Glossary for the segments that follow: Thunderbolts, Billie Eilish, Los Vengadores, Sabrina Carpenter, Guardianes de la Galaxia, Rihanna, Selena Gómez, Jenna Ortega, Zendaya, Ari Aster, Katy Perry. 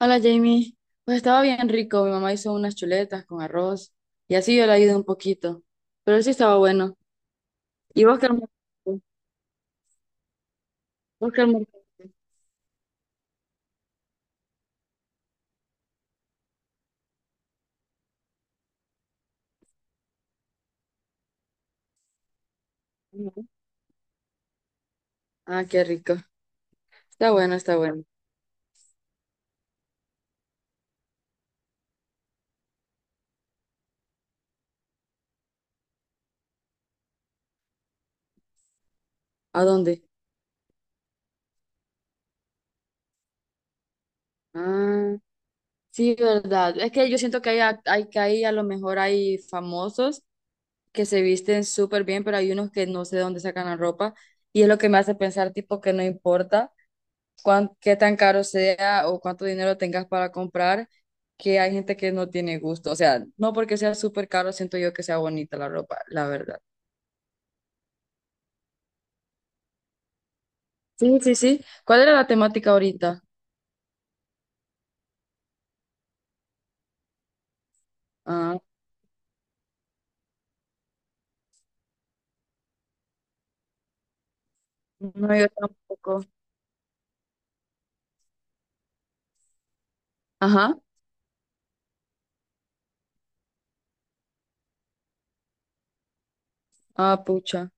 Hola Jamie, pues estaba bien rico, mi mamá hizo unas chuletas con arroz y así yo le ayudé un poquito, pero sí estaba bueno. ¿Y vos qué almorzaste? ¿Vos qué almorzaste? Ujú. Ah, qué rico, está bueno, está bueno. ¿A dónde? Ah, sí, verdad, es que yo siento que hay, hay que ahí a lo mejor hay famosos que se visten súper bien, pero hay unos que no sé de dónde sacan la ropa y es lo que me hace pensar tipo que no importa qué tan caro sea o cuánto dinero tengas para comprar, que hay gente que no tiene gusto. O sea, no porque sea súper caro, siento yo que sea bonita la ropa, la verdad. Sí, sí, sí. ¿Cuál era la temática ahorita? Ah, no, yo tampoco. Ajá. Ah, pucha.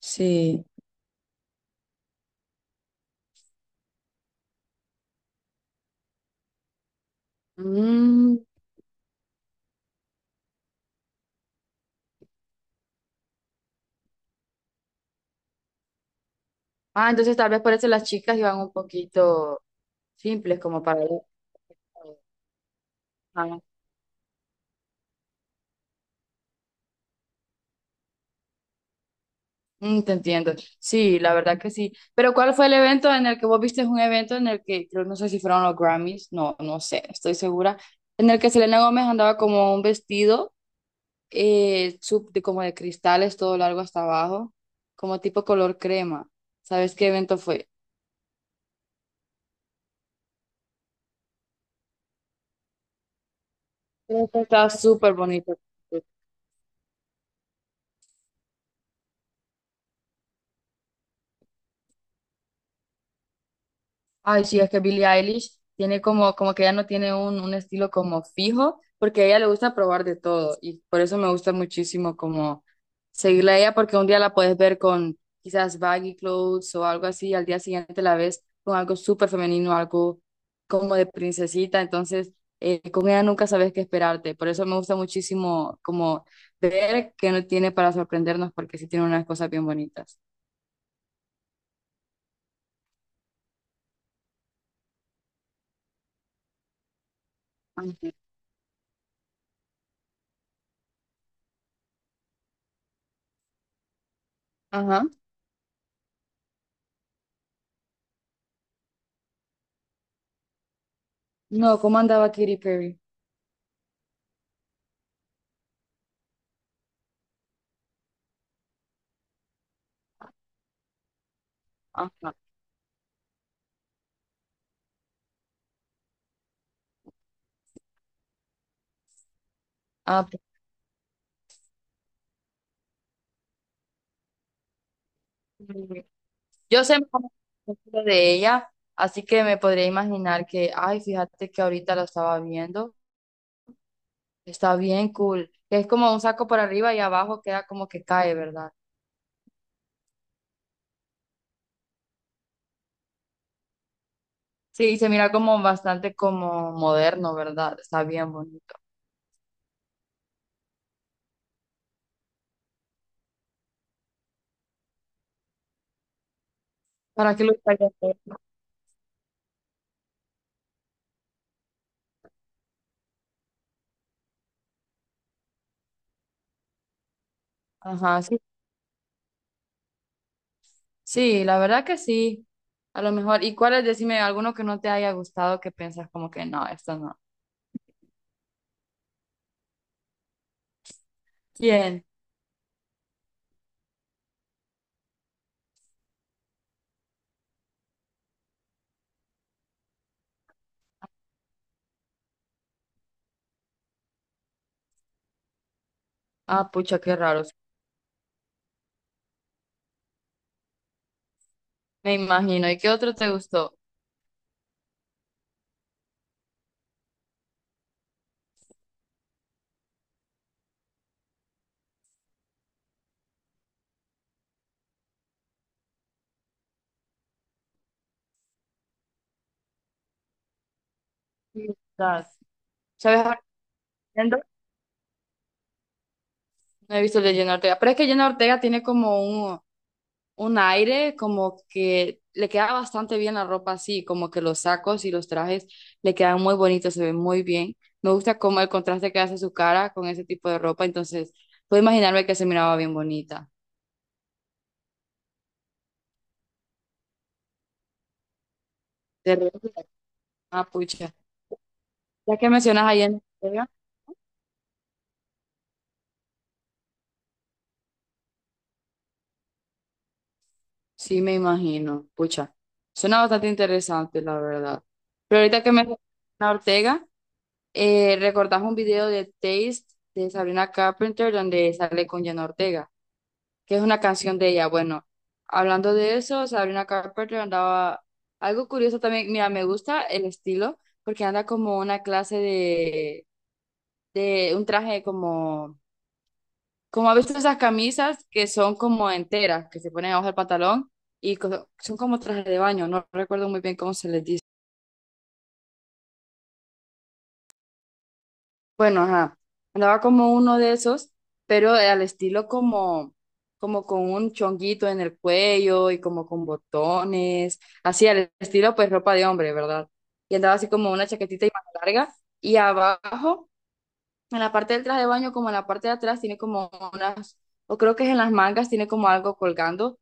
Sí. Mm. Ah, entonces tal vez por eso las chicas iban un poquito simples como para ir. Mm, te entiendo. Sí, la verdad que sí. Pero ¿cuál fue el evento en el que vos viste? Un evento en el que, creo, no sé si fueron los Grammys, no, no sé, estoy segura, en el que Selena Gómez andaba como un vestido como de cristales todo largo hasta abajo, como tipo color crema. ¿Sabes qué evento fue? Creo que estaba súper bonito. Ay, sí, es que Billie Eilish tiene como, como que ella no tiene un estilo como fijo, porque a ella le gusta probar de todo y por eso me gusta muchísimo como seguirla a ella, porque un día la puedes ver con quizás baggy clothes o algo así, y al día siguiente la ves con algo súper femenino, algo como de princesita, entonces con ella nunca sabes qué esperarte, por eso me gusta muchísimo como ver qué no tiene para sorprendernos, porque sí tiene unas cosas bien bonitas. Ajá. Ajá. No, ¿cómo andaba Katy Perry? Ajá. Ah, pues, mm, yo sé más o menos de ella, así que me podría imaginar que, ay, fíjate que ahorita lo estaba viendo, está bien cool, que es como un saco por arriba y abajo queda como que cae, ¿verdad? Sí, y se mira como bastante como moderno, ¿verdad? Está bien bonito. ¿Para qué lo estaría haciendo? Ajá, sí, sí, la verdad que sí, a lo mejor. ¿Y cuál es? Decime alguno que no te haya gustado que piensas como que no, esto no. ¿Quién? Ah, pucha, qué raro. Me imagino. ¿Y qué otro te gustó? Sí. ¿Sabes? Ahora entiendo. No he visto el de Jenna Ortega, pero es que Jenna Ortega tiene como un aire, como que le queda bastante bien la ropa así, como que los sacos y los trajes le quedan muy bonitos, se ven muy bien. Me gusta como el contraste que hace su cara con ese tipo de ropa, entonces puedo imaginarme que se miraba bien bonita. De repente, ah, pucha. Ya que mencionas a Jenna Ortega, sí me imagino, pucha. Suena bastante interesante, la verdad. Pero ahorita que me Jenna Ortega. Recordás un video de Taste de Sabrina Carpenter donde sale con Jenna Ortega, que es una canción de ella. Bueno, hablando de eso, Sabrina Carpenter andaba algo curioso también. Mira, me gusta el estilo porque anda como una clase de un traje como, como a veces esas camisas que son como enteras, que se ponen abajo del pantalón y son como trajes de baño. No recuerdo muy bien cómo se les dice. Bueno, ajá, andaba como uno de esos, pero al estilo como, como con un chonguito en el cuello y como con botones, así al estilo pues ropa de hombre, ¿verdad? Y andaba así como una chaquetita y manga larga y abajo, en la parte del traje de baño, como en la parte de atrás, tiene como unas, o creo que es en las mangas, tiene como algo colgando.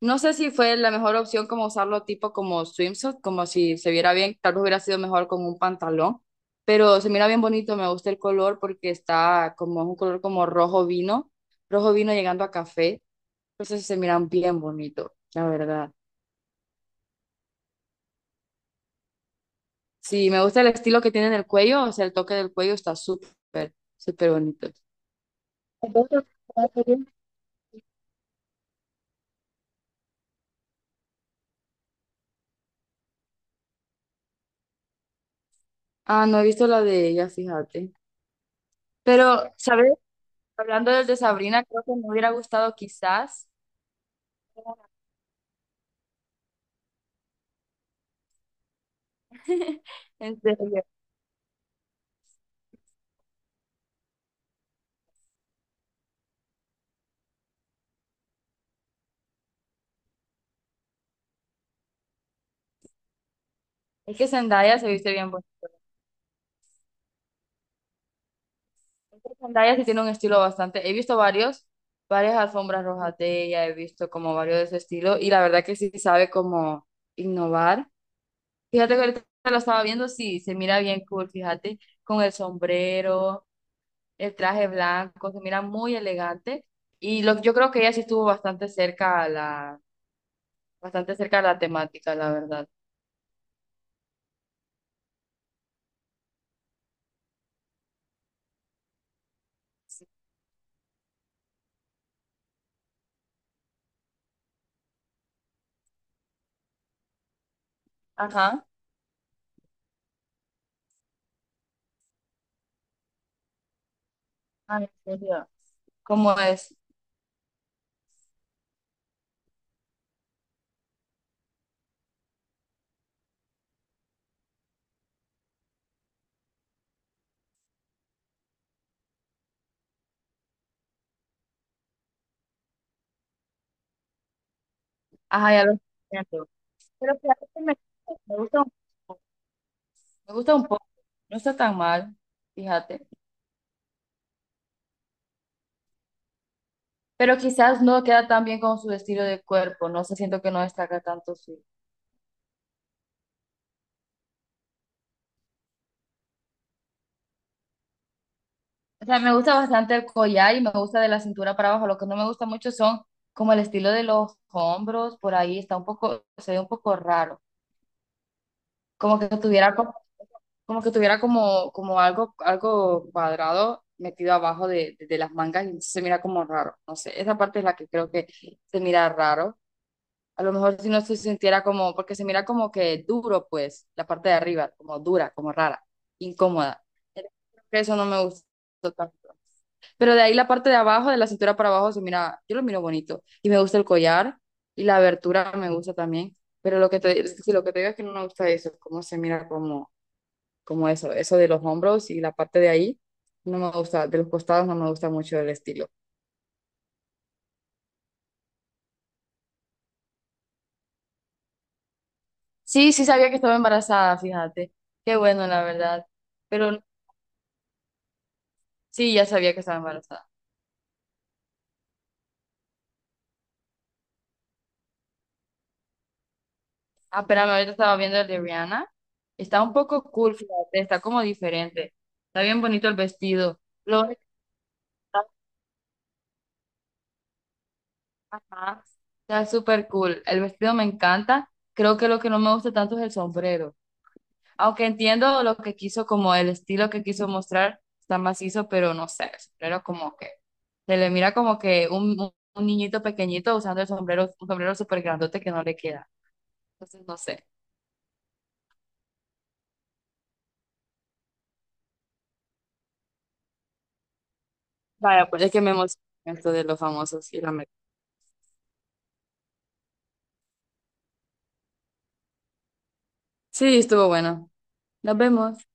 No sé si fue la mejor opción como usarlo tipo como swimsuit, como si se viera bien, tal vez hubiera sido mejor con un pantalón, pero se mira bien bonito, me gusta el color porque está como es un color como rojo vino llegando a café, entonces se miran bien bonito, la verdad. Sí, me gusta el estilo que tiene en el cuello, o sea, el toque del cuello está súper, súper bonito. Entonces, ¿cuál sería? Ah, no he visto la de ella, fíjate. Pero, ¿sabes? Hablando del de Sabrina, creo que me hubiera gustado quizás. En serio. Es que Zendaya se viste bien bonita. Es que Zendaya sí tiene un estilo bastante. He visto varias alfombras rojas de ella, he visto como varios de ese estilo y la verdad que sí sabe como innovar. Fíjate que ahorita lo estaba viendo, sí, se mira bien cool, fíjate, con el sombrero, el traje blanco, se mira muy elegante y lo, yo creo que ella sí estuvo bastante cerca a bastante cerca a la temática, la verdad. Ajá. Ah, en serio. ¿Cómo es? Ajá, ya lo siento. Pero fíjate que me, me gusta un poco, me gusta un poco, no está tan mal, fíjate. Pero quizás no queda tan bien con su estilo de cuerpo, no sé, siento que no destaca tanto su... O sea, me gusta bastante el collar y me gusta de la cintura para abajo. Lo que no me gusta mucho son como el estilo de los hombros, por ahí está un poco, se ve un poco raro. Como que tuviera como, como que tuviera como, como algo, algo cuadrado metido abajo de las mangas y se mira como raro. No sé, esa parte es la que creo que se mira raro. A lo mejor si no se sintiera como, porque se mira como que duro, pues, la parte de arriba, como dura, como rara, incómoda. Creo que eso no me gustó tanto. Pero de ahí la parte de abajo, de la cintura para abajo, se mira, yo lo miro bonito. Y me gusta el collar y la abertura me gusta también. Pero lo que te, si lo que te digo es que no me gusta eso, cómo se mira como, como eso de los hombros y la parte de ahí, no me gusta, de los costados no me gusta mucho el estilo. Sí, sí sabía que estaba embarazada, fíjate. Qué bueno, la verdad. Pero sí, ya sabía que estaba embarazada. Ah, espérame, ahorita estaba viendo el de Rihanna. Está un poco cool, fíjate, está como diferente. Está bien bonito el vestido. Lo único que está, ajá, está súper cool. El vestido me encanta. Creo que lo que no me gusta tanto es el sombrero. Aunque entiendo lo que quiso, como el estilo que quiso mostrar, está macizo, pero no sé, el sombrero como que se le mira como que un, un niñito pequeñito usando el sombrero, un sombrero súper grandote que no le queda. Entonces, no sé. Vaya, pues es que me emociona esto de los famosos y la América. Sí, estuvo bueno. Nos vemos.